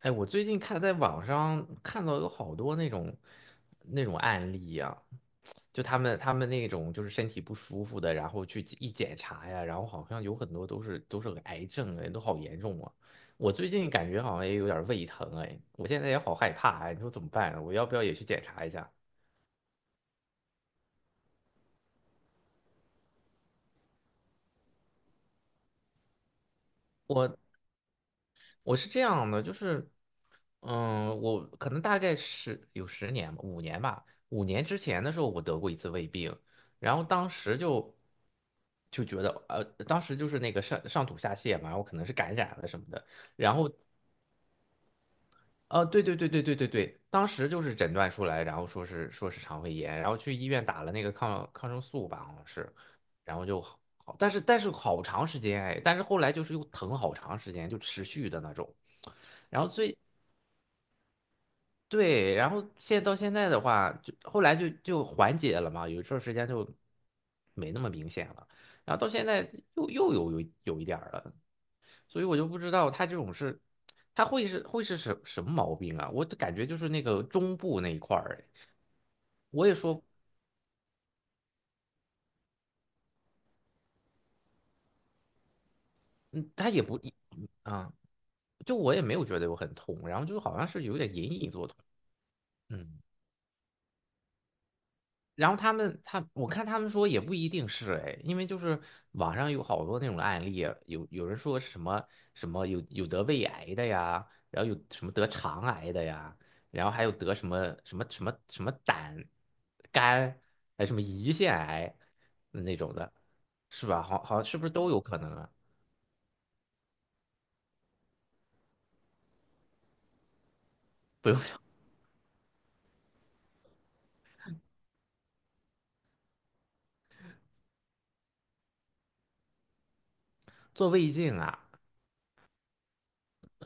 哎，我最近看在网上看到有好多那种案例呀、就他们那种就是身体不舒服的，然后去一检查呀，然后好像有很多都是癌症，哎，都好严重啊。我最近感觉好像也有点胃疼，哎，我现在也好害怕，哎，你说怎么办啊，我要不要也去检查一下？我。我是这样的，就是，嗯，我可能大概十年吧，五年吧，五年之前的时候我得过一次胃病，然后当时就就觉得，当时就是那个上吐下泻嘛，我可能是感染了什么的，对对对对对对对，当时就是诊断出来，然后说是肠胃炎，然后去医院打了那个抗生素吧，好像是，然后就好，好但是好长时间哎，但是后来就是又疼好长时间，就持续的那种。然后最对，然后到现在的话，就后来就缓解了嘛，有一段时间就没那么明显了，然后到现在又有一点儿了，所以我就不知道他这种是，他会是什么毛病啊？我就感觉就是那个中部那一块儿哎，我也说，嗯，他也不一，啊，就我也没有觉得我很痛，然后就好像是有点隐隐作痛，嗯。然后他们他我看他们说也不一定是哎，因为就是网上有好多那种案例啊，有人说什么有得胃癌的呀，然后有什么得肠癌的呀，然后还有得什么胆、肝，还有什么胰腺癌嗯那种的，是吧？好好是不是都有可能啊？不用做胃镜啊，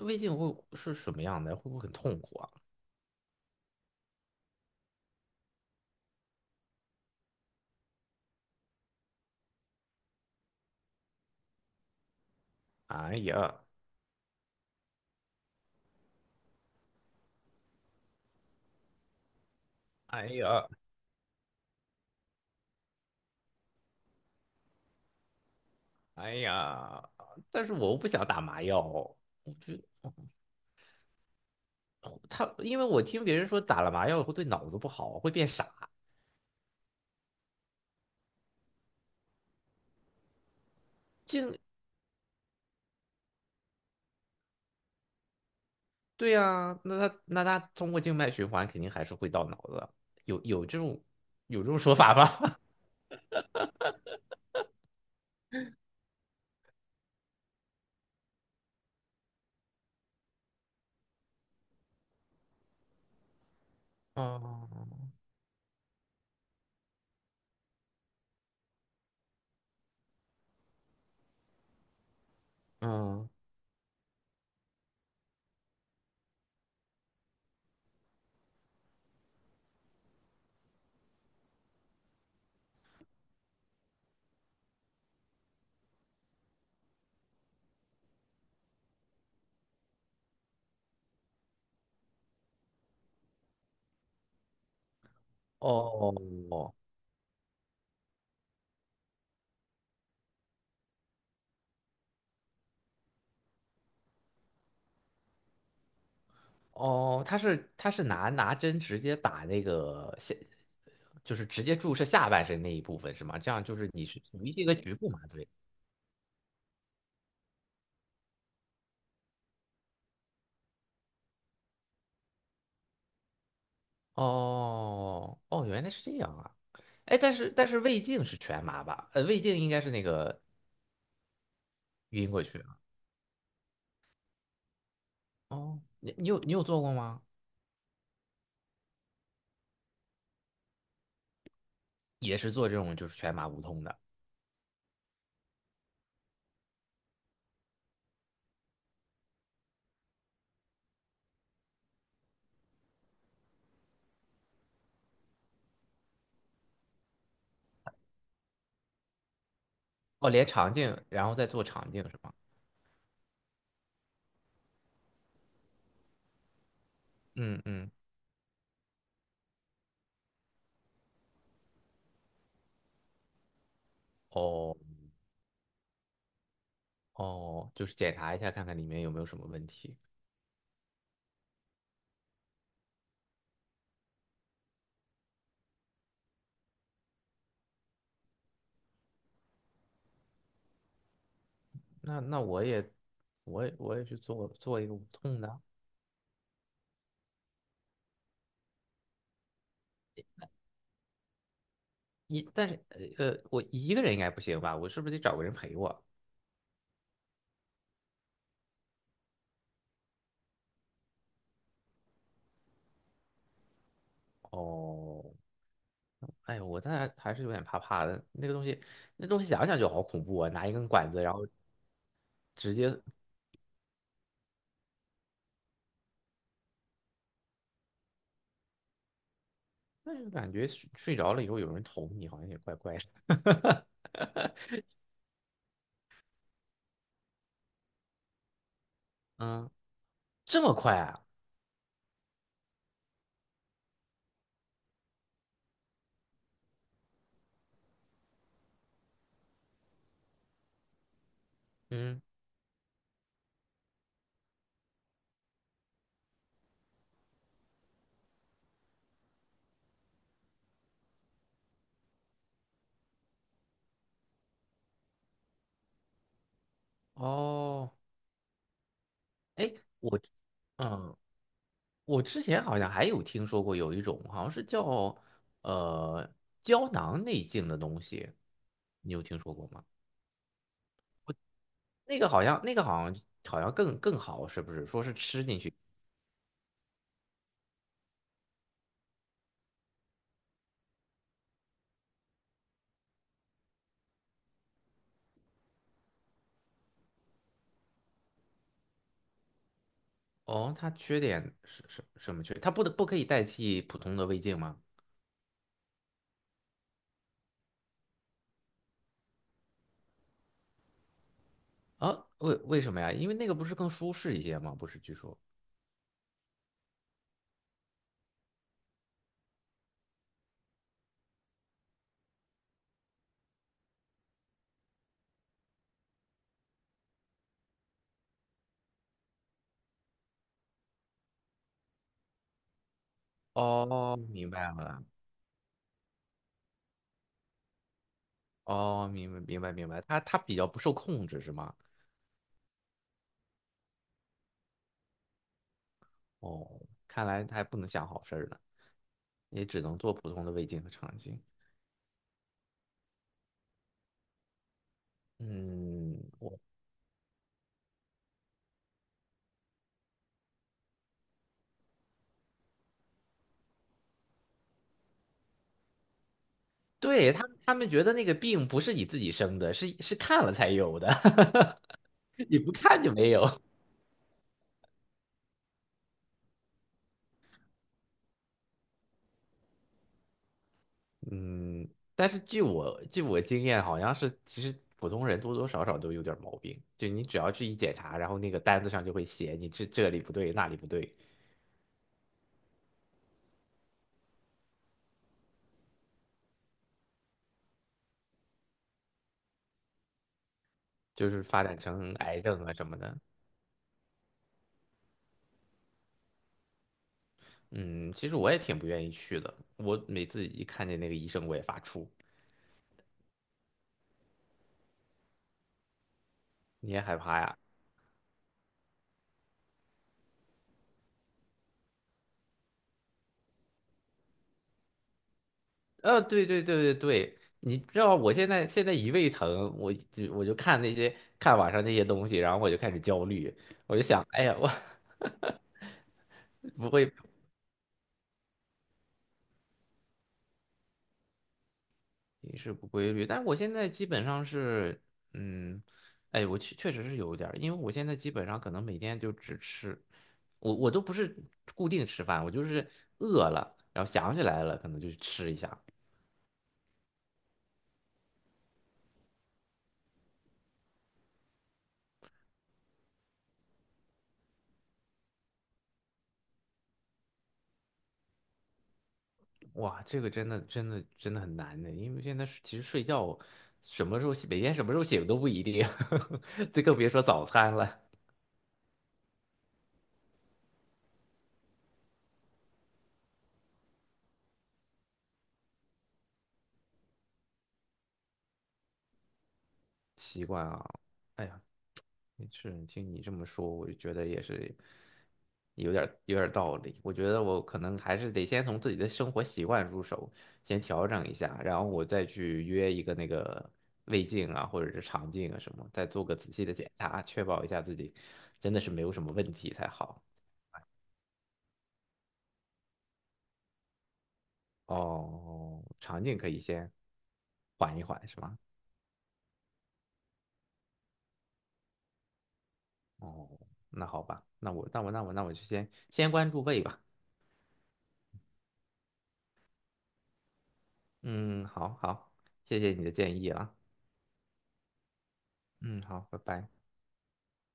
胃镜会是什么样的？会不会很痛苦啊？哎呀，哎呀。哎呀，但是我又不想打麻药，我觉得他，因为我听别人说打了麻药会对脑子不好，会变傻。静，对呀，那他通过静脉循环肯定还是会到脑子，有这种有这种说法吧？哦，嗯，哦哦，他是拿针直接打那个下，就是直接注射下半身那一部分是吗？这样就是你是属于这个局部麻醉。哦哦，哦原来是这样啊！哎，但是胃镜是全麻吧？呃，胃镜应该是那个晕过去啊。哦，你有做过吗？也是做这种就是全麻无痛的。哦，连肠镜，然后再做肠镜是吗？嗯嗯。哦哦，就是检查一下看看里面有没有什么问题。那我也我也去做一个无痛的。一但是，我一个人应该不行吧？我是不是得找个人陪我？哦哎呦，我但还是有点怕怕的。那个东西，那东西想想就好恐怖啊！拿一根管子，然后直接，但是感觉睡着了以后有人捅你，好像也怪怪的。嗯，这么快啊？嗯，哦，哎，我，嗯，我之前好像还有听说过有一种，好像是叫呃胶囊内镜的东西，你有听说过吗？那个好像，那个好像好像更好，是不是？说是吃进去。哦，它缺点是什么缺？它不可以代替普通的胃镜吗？啊，为什么呀？因为那个不是更舒适一些吗？不是，据说。哦，明白了。哦，明白，它它比较不受控制是吗？哦，看来它还不能想好事儿呢，也只能做普通的胃镜和肠镜。嗯，我对他们觉得那个病不是你自己生的，是是看了才有的，你不看就没有。嗯，但是据我经验，好像是其实普通人多多少少都有点儿毛病，就你只要去一检查，然后那个单子上就会写你这里不对那里不对，就是发展成癌症啊什么的。嗯，其实我也挺不愿意去的，我每次一看见那个医生我也发怵，你也害怕呀？对对对对对，你知道我现在一胃疼，我就看那些看网上那些东西，然后我就开始焦虑，我就想，哎呀，我 不会饮食不规律，但我现在基本上是，嗯，哎，我确实是有一点儿，因为我现在基本上可能每天就只吃，我都不是固定吃饭，我就是饿了，然后想起来了，可能就吃一下。哇，这个真的很难的，因为现在其实睡觉什么时候每天什么时候醒都不一定，这更别说早餐了。习惯啊，哎呀，是，听你这么说，我就觉得也是有点儿道理。我觉得我可能还是得先从自己的生活习惯入手，先调整一下，然后我再去约一个那个胃镜啊，或者是肠镜啊什么，再做个仔细的检查，确保一下自己真的是没有什么问题才好。哦，肠镜可以先缓一缓，是吗？哦，那好吧，那我就先先关注胃吧。嗯，好好，谢谢你的建议啊。嗯，好，拜拜。